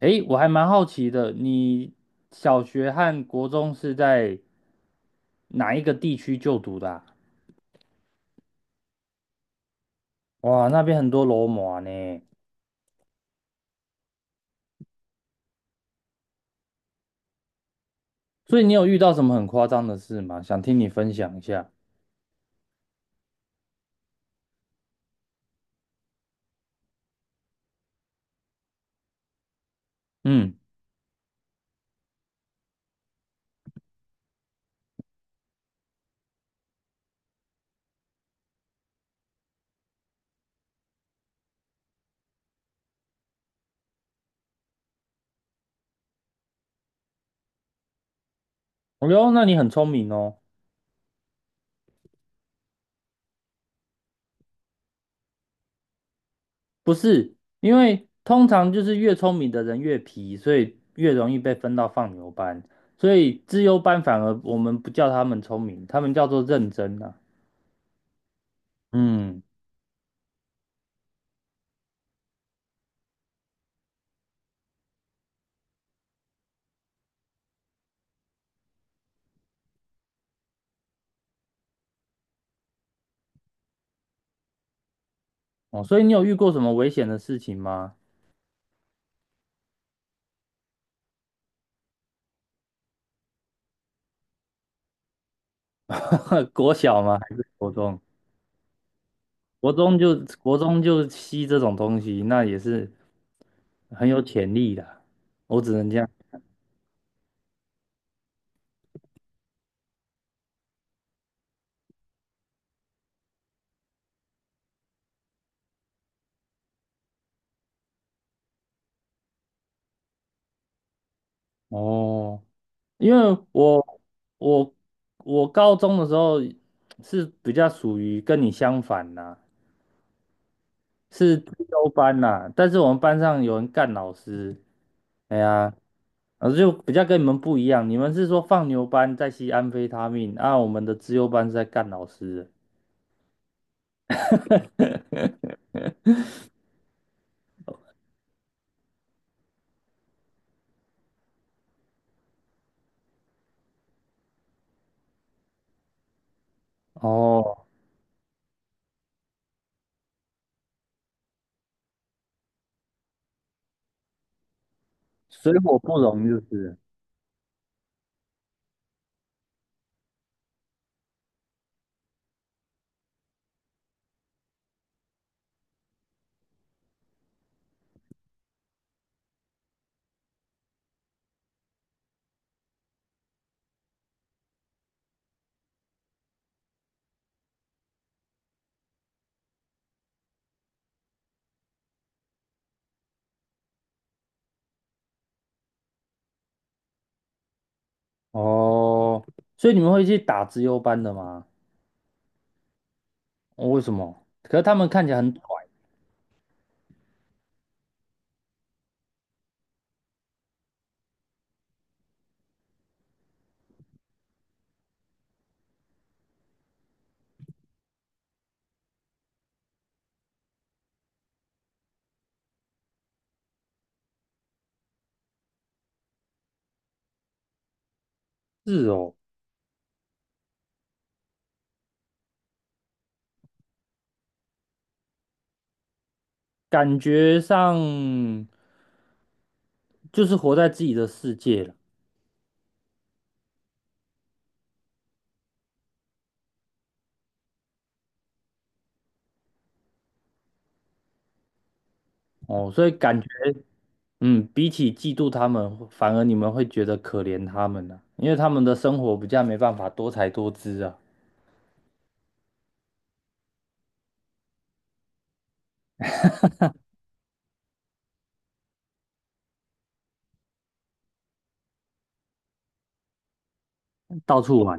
诶，我还蛮好奇的，你小学和国中是在哪一个地区就读的啊。哇，那边很多罗马呢。所以你有遇到什么很夸张的事吗？想听你分享一下。嗯。哦哟，那你很聪明哦。不是，因为通常就是越聪明的人越皮，所以越容易被分到放牛班，所以资优班反而我们不叫他们聪明，他们叫做认真啊。嗯。哦，所以你有遇过什么危险的事情吗？国小吗？还是国中？国中就国中就吸这种东西，那也是很有潜力的。我只能这样。哦，因为我我我高中的时候是比较属于跟你相反呐，是自修班呐。但是我们班上有人干老师。哎呀，老师就比较跟你们不一样，你们是说放牛班在吸安非他命，啊，我们的自优班是在干老师的。哦，水火不容就是。哦，所以你们会去打资优班的吗？哦，为什么？可是他们看起来很拽。是哦，感觉上就是活在自己的世界了。哦，所以感觉，嗯，比起嫉妒他们，反而你们会觉得可怜他们呢、因为他们的生活比较没办法多才多姿啊，到处玩。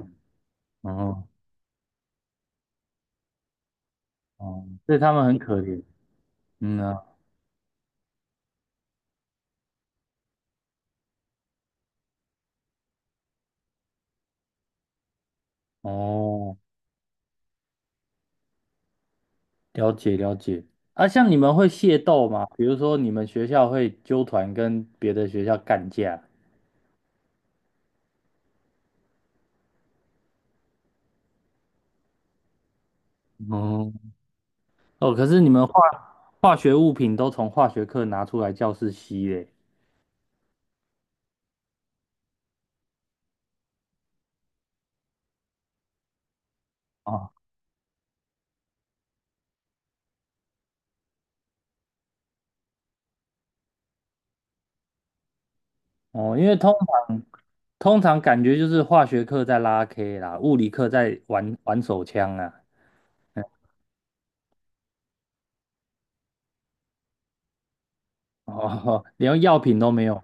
哦，哦，所以他们很可怜。嗯啊。哦。了解了解。啊，像你们会械斗吗？比如说你们学校会纠团跟别的学校干架？哦。哦，可是你们化学物品都从化学课拿出来教室吸嘞。啊。哦，因为通常感觉就是化学课在拉 K 啦，物理课在玩玩手枪啊。嗯。哦，连药品都没有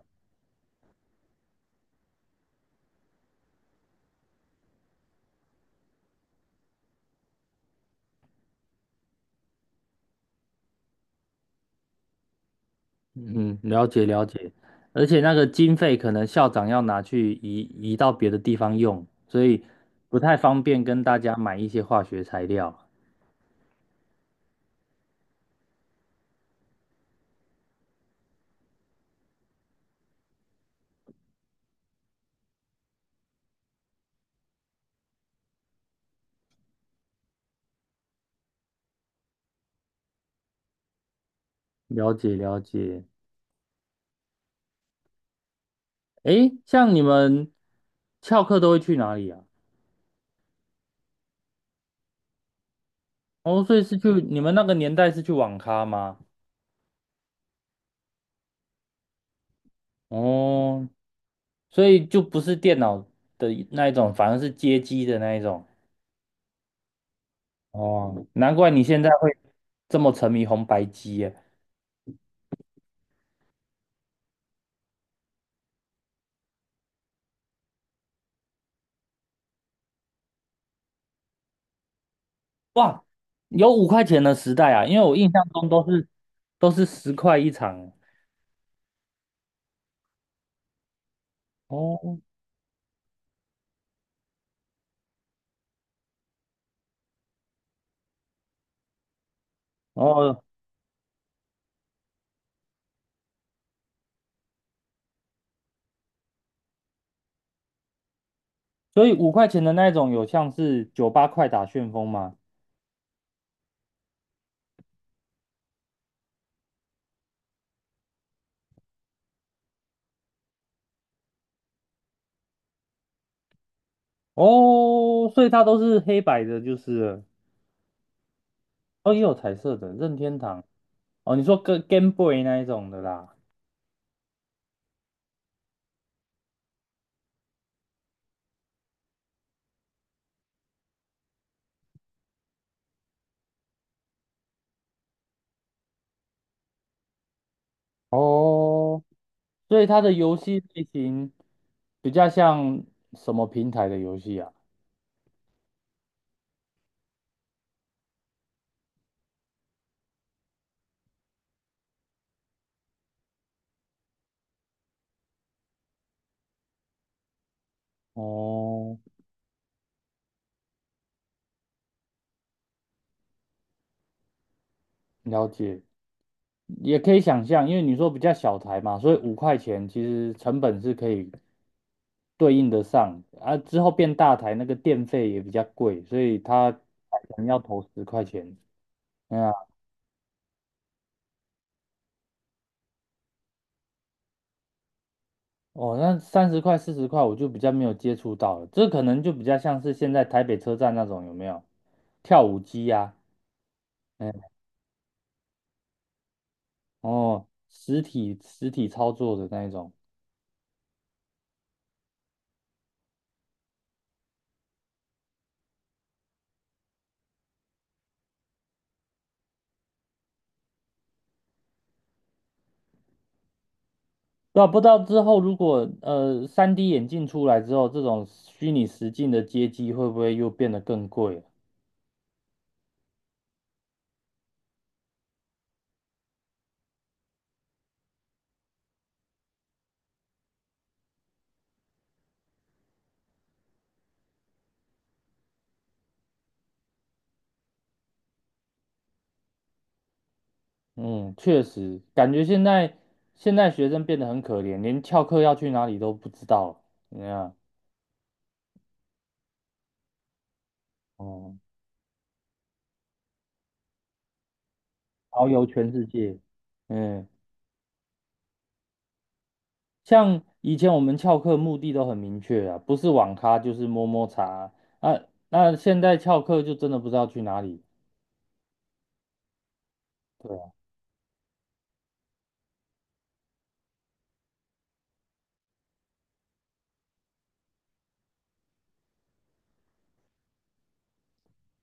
嗯。了解了解，而且那个经费可能校长要拿去移到别的地方用，所以不太方便跟大家买一些化学材料。了解了解。诶，像你们翘课都会去哪里啊？哦，所以是去你们那个年代是去网咖吗？哦，所以就不是电脑的那一种，反而是街机的那一种。哦，难怪你现在会这么沉迷红白机耶。哇，有五块钱的时代啊，因为我印象中都是十块一场。哦。哦，所以五块钱的那种有像是酒吧快打旋风吗？哦，所以它都是黑白的，就是了。哦，也有彩色的任天堂。哦，你说跟 Game Boy 那一种的啦。哦，所以它的游戏类型比较像什么平台的游戏啊？哦，了解。也可以想象，因为你说比较小台嘛，所以五块钱其实成本是可以对应得上啊。之后变大台，那个电费也比较贵，所以它可能要投10块钱。嗯啊。哦，那30块、40块我就比较没有接触到了，这可能就比较像是现在台北车站那种有没有跳舞机呀、啊嗯。哦，实体操作的那一种。对啊，不知道之后如果3D 眼镜出来之后，这种虚拟实境的街机会不会又变得更贵了？嗯，确实，感觉现在学生变得很可怜，连翘课要去哪里都不知道了。怎么样？哦，遨游全世界。嗯，像以前我们翘课目的都很明确啊，不是网咖就是摸摸茶啊。那现在翘课就真的不知道去哪里。对啊，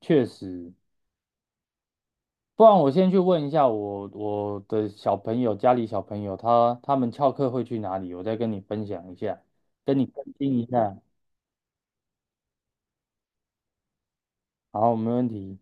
确实。不然我先去问一下我的小朋友，家里小朋友他们翘课会去哪里，我再跟你分享一下，跟你更新一下。好，没问题。